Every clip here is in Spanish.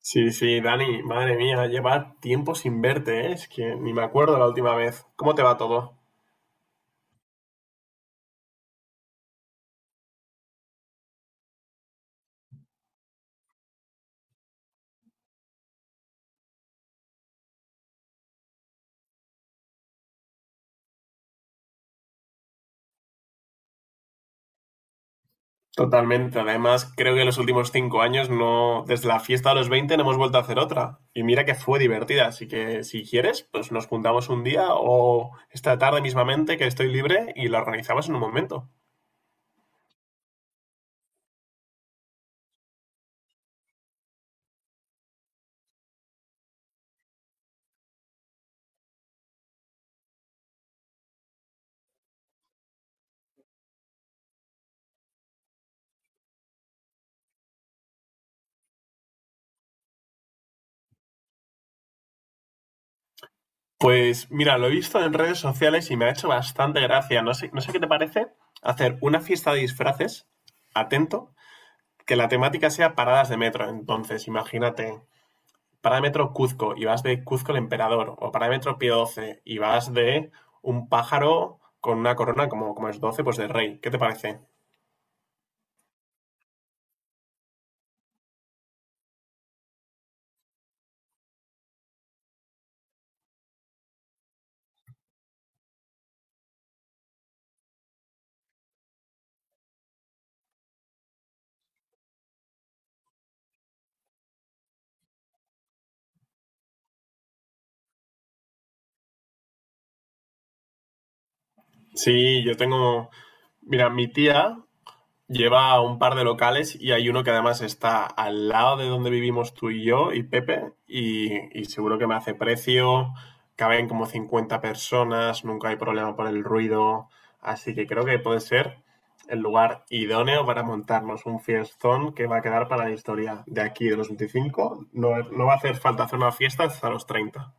Sí, sí, Dani, madre mía, lleva tiempo sin verte, ¿eh? Es que ni me acuerdo la última vez. ¿Cómo te va todo? Totalmente, además creo que en los últimos 5 años no, desde la fiesta de los 20, no hemos vuelto a hacer otra. Y mira que fue divertida, así que si quieres, pues nos juntamos un día o esta tarde mismamente que estoy libre y la organizamos en un momento. Pues mira, lo he visto en redes sociales y me ha hecho bastante gracia. No sé, no sé qué te parece hacer una fiesta de disfraces, atento, que la temática sea paradas de metro. Entonces, imagínate, parada de metro Cuzco y vas de Cuzco el Emperador, o parada de metro Pío XII y vas de un pájaro con una corona como es 12 pues de rey. ¿Qué te parece? Sí, yo tengo. Mira, mi tía lleva un par de locales y hay uno que además está al lado de donde vivimos tú y yo y Pepe y seguro que me hace precio, caben como 50 personas, nunca hay problema por el ruido, así que creo que puede ser el lugar idóneo para montarnos un fiestón que va a quedar para la historia de aquí de los 25. No, no va a hacer falta hacer una fiesta hasta los 30.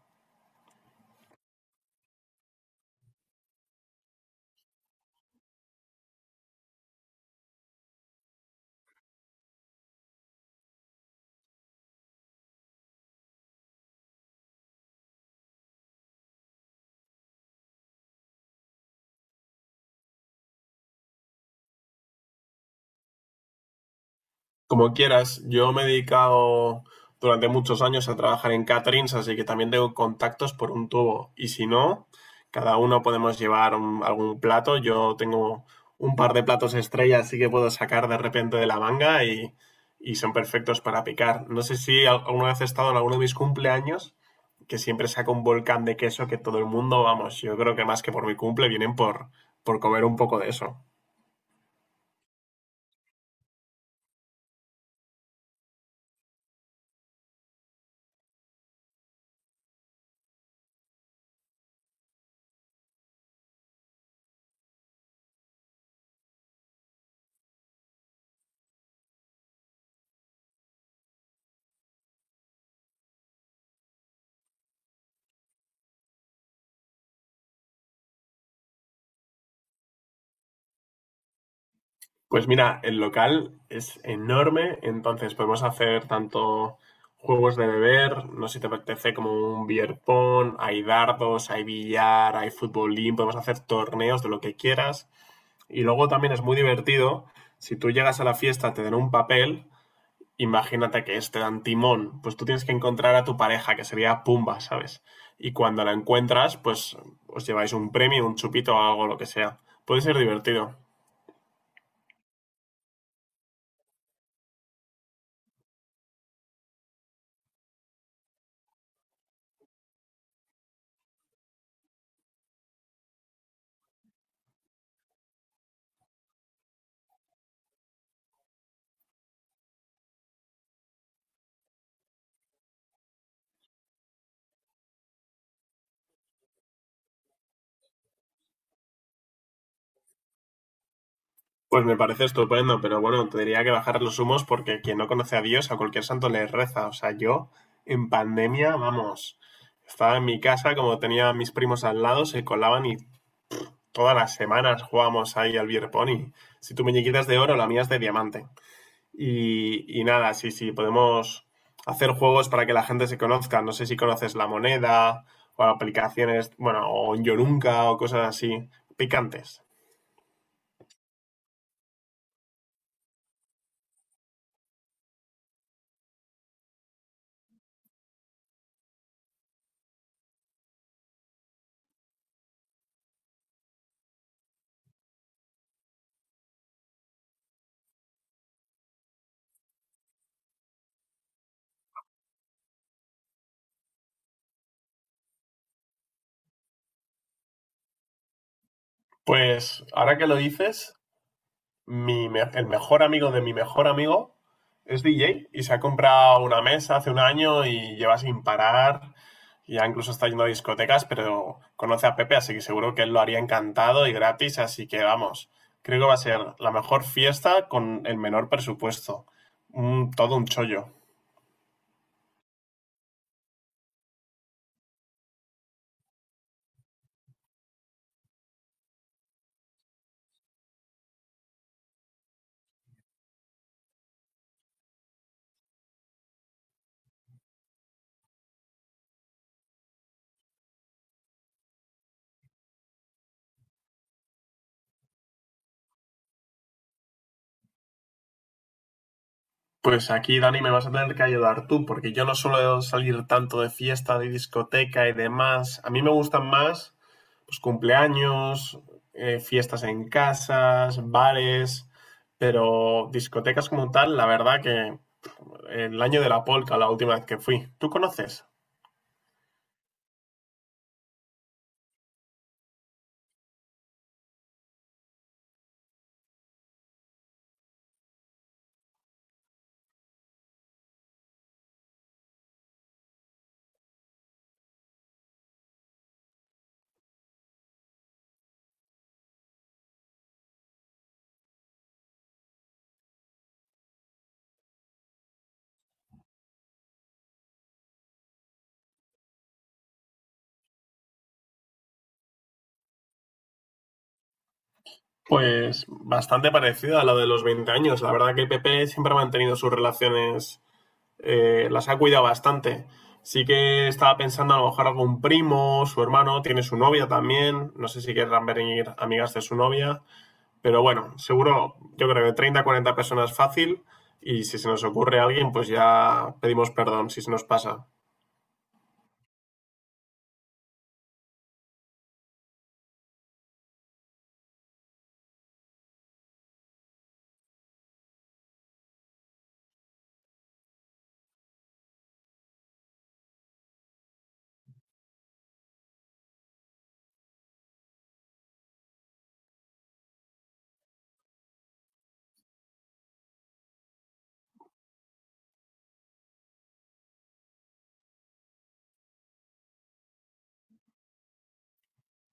Como quieras, yo me he dedicado durante muchos años a trabajar en caterings, así que también tengo contactos por un tubo. Y si no, cada uno podemos llevar algún plato. Yo tengo un par de platos estrella, así que puedo sacar de repente de la manga y son perfectos para picar. No sé si alguna vez he estado en alguno de mis cumpleaños, que siempre saco un volcán de queso que todo el mundo, vamos, yo creo que más que por mi cumple, vienen por comer un poco de eso. Pues mira, el local es enorme, entonces podemos hacer tanto juegos de beber, no sé si te apetece, como un beer pong, hay dardos, hay billar, hay futbolín, podemos hacer torneos de lo que quieras. Y luego también es muy divertido, si tú llegas a la fiesta, te dan un papel, imagínate que este dan timón, pues tú tienes que encontrar a tu pareja, que sería Pumba, ¿sabes? Y cuando la encuentras, pues os lleváis un premio, un chupito o algo, lo que sea. Puede ser divertido. Pues me parece estupendo, pero bueno, tendría que bajar los humos porque quien no conoce a Dios, a cualquier santo le reza. O sea, yo en pandemia, vamos, estaba en mi casa, como tenía a mis primos al lado, se colaban y todas las semanas jugábamos ahí al beer pong. Y si tu muñequita es de oro, la mía es de diamante. Y nada, sí, sí, podemos hacer juegos para que la gente se conozca. No sé si conoces la moneda o aplicaciones, bueno, o Yo Nunca o cosas así, picantes. Pues ahora que lo dices, el mejor amigo de mi mejor amigo es DJ y se ha comprado una mesa hace un año y lleva sin parar. Ya incluso está yendo a discotecas, pero conoce a Pepe, así que seguro que él lo haría encantado y gratis. Así que vamos, creo que va a ser la mejor fiesta con el menor presupuesto. Todo un chollo. Pues aquí, Dani, me vas a tener que ayudar tú, porque yo no suelo salir tanto de fiesta, de discoteca y demás. A mí me gustan más pues, cumpleaños, fiestas en casas, bares, pero discotecas como tal, la verdad que el año de la polca, la última vez que fui. ¿Tú conoces? Pues bastante parecida a la de los 20 años. La verdad que Pepe siempre ha mantenido sus relaciones, las ha cuidado bastante. Sí que estaba pensando a lo mejor algún primo, su hermano, tiene su novia también. No sé si querrán venir amigas de su novia. Pero bueno, seguro, yo creo que 30, 40 personas fácil. Y si se nos ocurre a alguien, pues ya pedimos perdón si se nos pasa.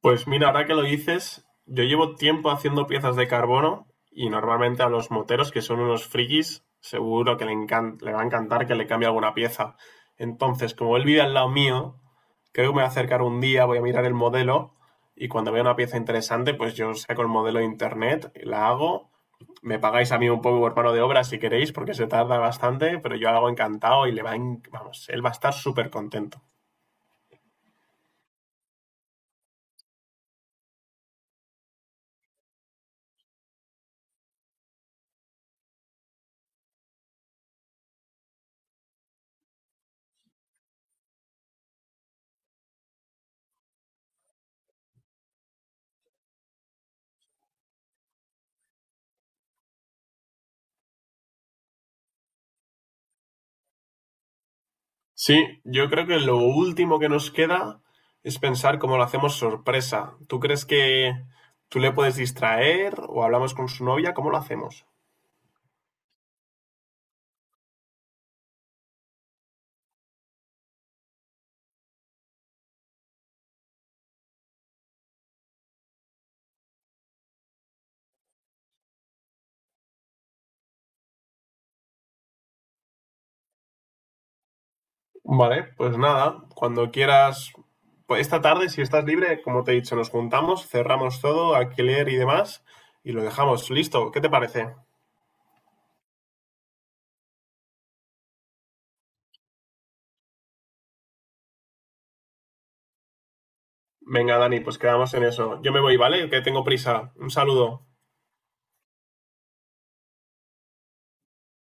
Pues mira, ahora que lo dices, yo llevo tiempo haciendo piezas de carbono y normalmente a los moteros, que son unos frikis, seguro que le va a encantar que le cambie alguna pieza. Entonces, como él vive al lado mío, creo que me voy a acercar un día, voy a mirar el modelo y cuando vea una pieza interesante, pues yo saco el modelo de internet, la hago. Me pagáis a mí un poco por mano de obra si queréis, porque se tarda bastante, pero yo lo hago encantado y le va a en- vamos, él va a estar súper contento. Sí, yo creo que lo último que nos queda es pensar cómo lo hacemos sorpresa. ¿Tú crees que tú le puedes distraer o hablamos con su novia? ¿Cómo lo hacemos? Vale, pues nada, cuando quieras, pues esta tarde, si estás libre, como te he dicho, nos juntamos, cerramos todo, alquiler y demás, y lo dejamos listo. ¿Qué te parece? Venga, Dani, pues quedamos en eso. Yo me voy, ¿vale? Que tengo prisa. Un saludo.